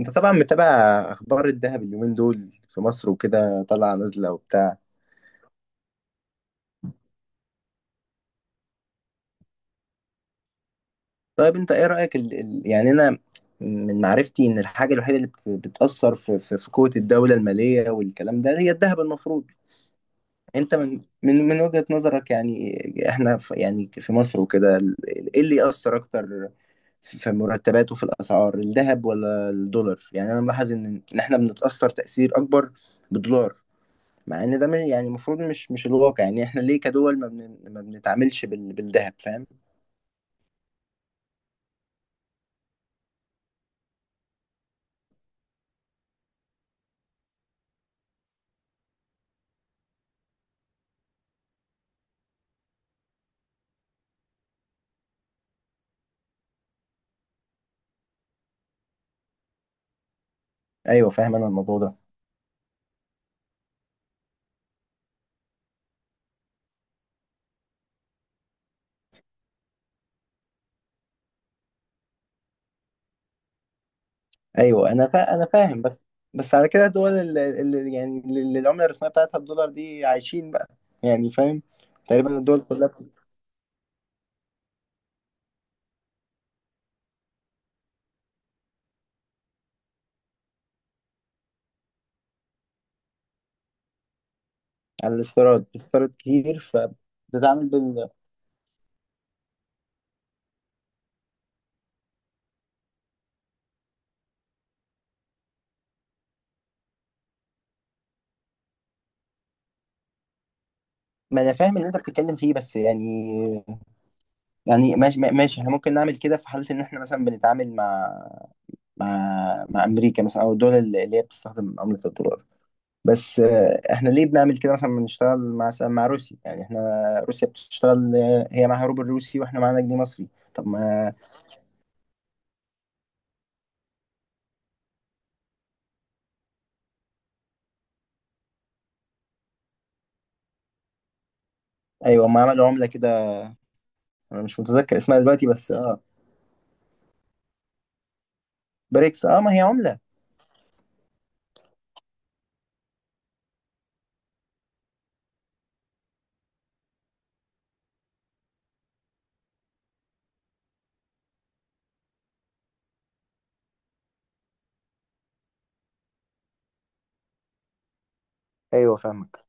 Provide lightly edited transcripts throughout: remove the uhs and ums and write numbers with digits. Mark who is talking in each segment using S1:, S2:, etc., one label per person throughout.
S1: انت طبعا متابع اخبار الذهب اليومين دول في مصر وكده، طالعه نازله وبتاع. طيب انت ايه رايك، يعني انا من معرفتي ان الحاجه الوحيده اللي بتاثر في قوه الدوله الماليه والكلام ده هي الذهب، المفروض. انت من وجهه نظرك، يعني احنا في، يعني في مصر وكده، ايه اللي ياثر اكتر في مرتبات وفي الاسعار، الذهب ولا الدولار؟ يعني انا ملاحظ ان احنا بنتاثر تاثير اكبر بالدولار، مع ان ده يعني المفروض مش الواقع. يعني احنا ليه كدول ما بنتعاملش بالذهب؟ فاهم. ايوه فاهم انا الموضوع ده. ايوه انا فاهم، بس بس على كده الدول اللي العمله الرسميه بتاعتها الدولار دي عايشين بقى، يعني فاهم. تقريبا الدول كلها على الاستيراد، بتستورد كتير، فبتتعامل ما انا فاهم اللي انت بتتكلم فيه، بس يعني، يعني ماشي ماشي، احنا ممكن نعمل كده في حاله ان احنا مثلا بنتعامل مع مع امريكا مثلا، او الدول اللي هي بتستخدم عمله الدولار. بس احنا ليه بنعمل كده مثلا بنشتغل مع روسيا؟ يعني احنا، روسيا بتشتغل، هي معاها روبل روسي واحنا معانا جنيه مصري. طب ما، ايوه ما عملوا عملة كده، انا مش متذكر اسمها دلوقتي بس اه، بريكس. اه ما هي عملة. ايوه فاهمك.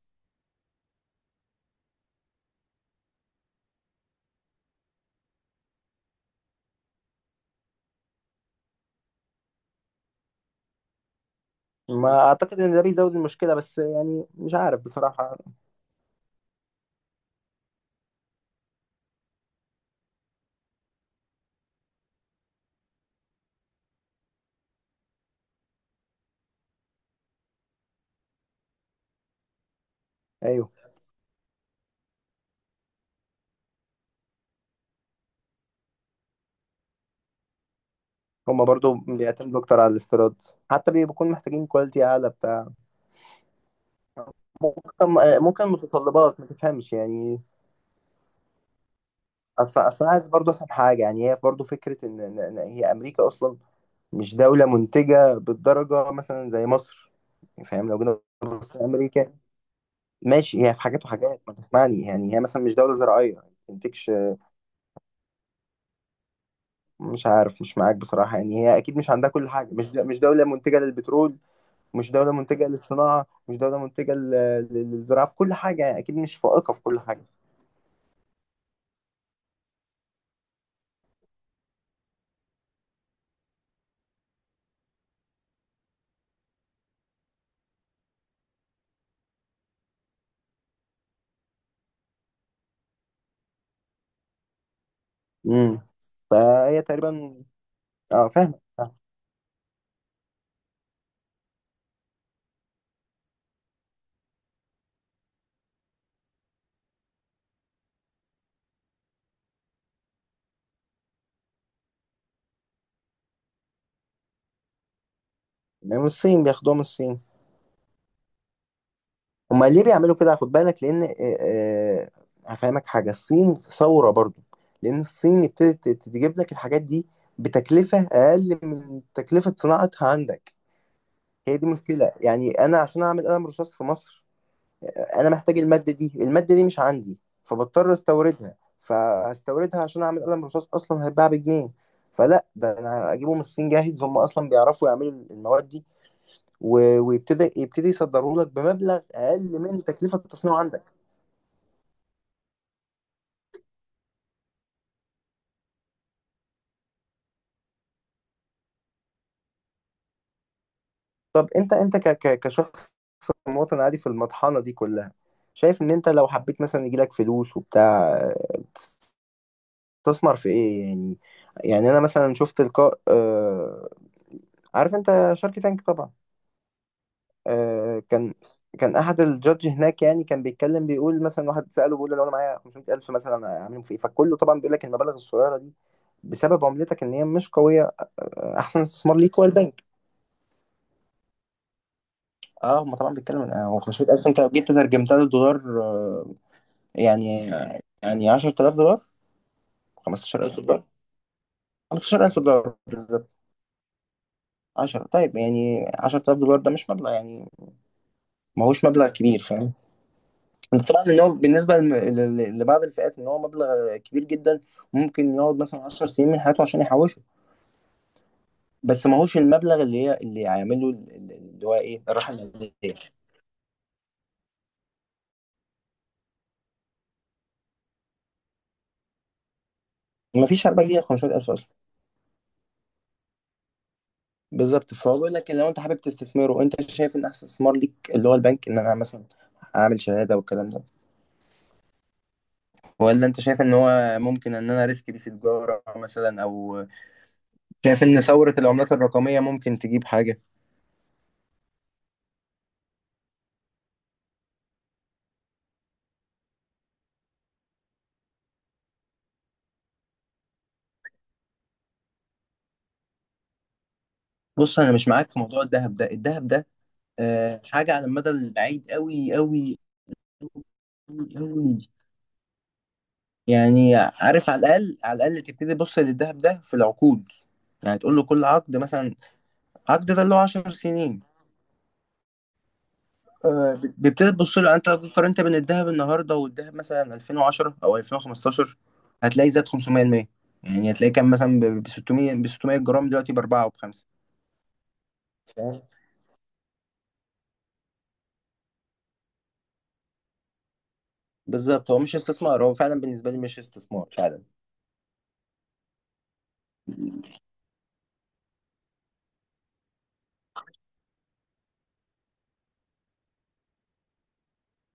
S1: ما اعتقد ان ده بيزود المشكلة، بس يعني مش عارف بصراحة. ايوه. هما برضو بيعتمدوا اكتر على الاستيراد، حتى بيكونوا محتاجين كواليتي اعلى بتاع ممكن، ممكن متطلبات ما تفهمش يعني. اصل أنا عايز برضه افهم حاجه، يعني هي برضه فكره، ان إن هي امريكا اصلا مش دوله منتجه بالدرجه مثلا زي مصر. فاهم؟ لو جينا بص امريكا، ماشي، هي في حاجات وحاجات ما تسمعني. يعني هي مثلا مش دوله زراعيه، ما بتنتجش. مش عارف، مش معاك بصراحه. يعني هي اكيد مش عندها كل حاجه، مش دوله منتجه للبترول، مش دوله منتجه للصناعه، مش دوله منتجه للزراعه في كل حاجه. يعني اكيد مش فائقه في كل حاجه. امم فهي تقريبا، اه فاهم فاهم. من الصين بياخدوها، من الصين. هما ليه بيعملوا كده؟ خد بالك، لان آه، هفهمك حاجه، الصين ثوره برضو، لان الصين ابتدت تجيب لك الحاجات دي بتكلفه اقل من تكلفه صناعتها عندك. هي دي مشكله. يعني انا عشان اعمل قلم رصاص في مصر، انا محتاج الماده دي، الماده دي مش عندي، فبضطر استوردها، فهستوردها عشان اعمل قلم رصاص اصلا هيتباع بجنيه. فلا، ده انا اجيبه من الصين جاهز، هم اصلا بيعرفوا يعملوا المواد دي، و- ويبتدي يصدروا لك بمبلغ اقل من تكلفه التصنيع عندك. طب انت، ك ك كشخص مواطن عادي في المطحنة دي كلها، شايف ان انت لو حبيت مثلا يجيلك فلوس وبتاع، تستثمر في ايه يعني؟ يعني انا مثلا شفت لقاء، عارف انت شارك تانك طبعا. آه، كان كان احد الجادج هناك، يعني كان بيتكلم، بيقول مثلا واحد سأله بيقول له: لو انا معايا 500000 مثلا اعملهم في ايه؟ فكله طبعا بيقول لك المبالغ الصغيرة دي بسبب عملتك ان هي مش قوية، احسن استثمار ليك هو البنك. اه، هم طبعا بيتكلم هو 500000، انت لو جيت ترجمتها للدولار، يعني، 10000 دولار، 15000 دولار. 15000 دولار بالظبط. 10، طيب يعني 10000 دولار ده مش مبلغ يعني، ما هوش مبلغ كبير. فاهم؟ انت طبعا ان هو بالنسبه لبعض الفئات ان هو مبلغ كبير جدا، ممكن يقعد مثلا 10 سنين من حياته عشان يحوشه. بس ما هوش المبلغ، اللي هيعمل له، اللي هو ايه، الراحه الماديه. ما فيش 4 جنيه 500000. بالظبط، فهو بيقول لك لو انت حابب تستثمره، وانت شايف ان احسن استثمار ليك اللي هو البنك، ان انا مثلا اعمل شهاده والكلام ده؟ ولا انت شايف ان هو ممكن ان انا ريسك دي في تجاره مثلا، او شايف ان ثوره العملات الرقميه ممكن تجيب حاجه؟ بص، انا مش معاك في موضوع الذهب ده. الذهب ده حاجه على المدى البعيد، قوي قوي قوي. يعني عارف، على الاقل، على الاقل تبتدي تبص للذهب ده في العقود. يعني تقول له كل عقد مثلا، عقد ده اللي هو 10 سنين، بتبتدي تبص له. يعني انت لو جيت قارنت بين الذهب النهارده والذهب مثلا 2010 او 2015، هتلاقي زاد 500%. يعني هتلاقي كان مثلا ب 600، ب 600 جرام، دلوقتي ب 4 وب 5. فاهم؟ بالظبط، هو مش استثمار. هو فعلا بالنسبه لي مش استثمار فعلا.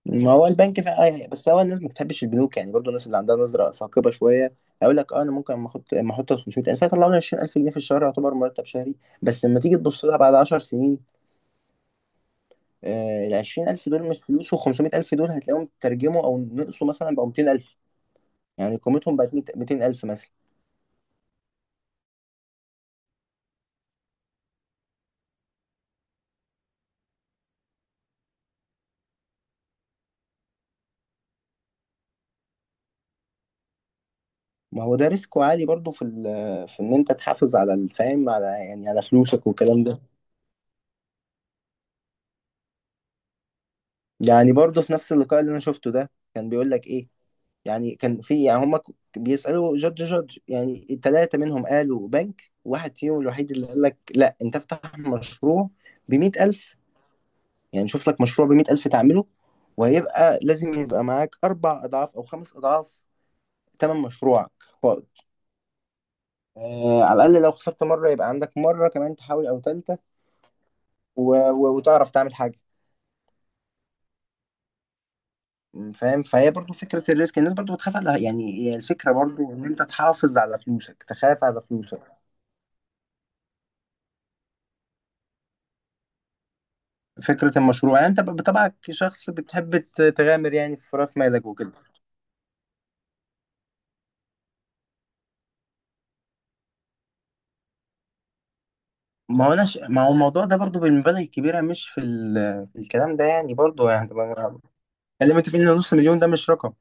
S1: ما هو البنك فعلا، بس هو الناس ما بتحبش البنوك. يعني برضو الناس اللي عندها نظره ثاقبه شويه هيقول لك: اه، انا ممكن اما احط 500000 هيطلعوا لي 20000 جنيه في الشهر، يعتبر مرتب شهري. بس لما تيجي تبص لها بعد 10 سنين، ال 20000 دول مش فلوس، و 500000 دول هتلاقيهم ترجموا او نقصوا مثلا، بقوا 200000. يعني قيمتهم بقت 200000 مثلا. ما هو ده ريسك عالي برضه في في ان انت تحافظ على الفهم، على يعني على فلوسك والكلام ده. يعني برضه في نفس اللقاء اللي انا شفته ده، كان بيقول لك ايه، يعني كان في يعني هما بيسألوا جادج، جادج. يعني التلاتة منهم قالوا بنك، واحد فيهم الوحيد اللي قال لك لا، انت افتح مشروع بـ100 ألف. يعني شوف لك مشروع بـ100 ألف تعمله، وهيبقى لازم يبقى معاك أربع أضعاف أو خمس أضعاف تمن مشروعك فائض، آه، على الأقل لو خسرت مرة يبقى عندك مرة كمان تحاول، أو تالتة، وتعرف تعمل حاجة. فاهم. فهي برضو فكرة الريسك، الناس برضو بتخاف على، يعني هي الفكرة برضو إن أنت تحافظ على فلوسك، تخاف على فلوسك. فكرة المشروع، يعني أنت بطبعك شخص بتحب تغامر يعني في رأس مالك وكده. ما هو الموضوع ده برضو بالمبالغ الكبيرة، مش في الكلام ده يعني، برضو يعني، خلينا متفقين ان 500 ألف ده مش رقم.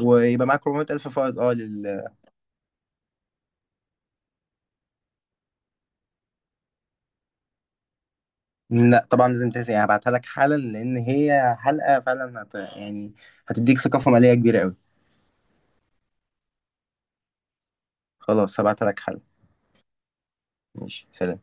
S1: ويبقى معاك 400000 فائض، اه، لا، طبعا لازم تنسى، يعني هبعتها لك حالا لان هي حلقة فعلا يعني هتديك ثقافة مالية كبيرة قوي. خلاص هبعتها لك حالا. ماشي، سلام.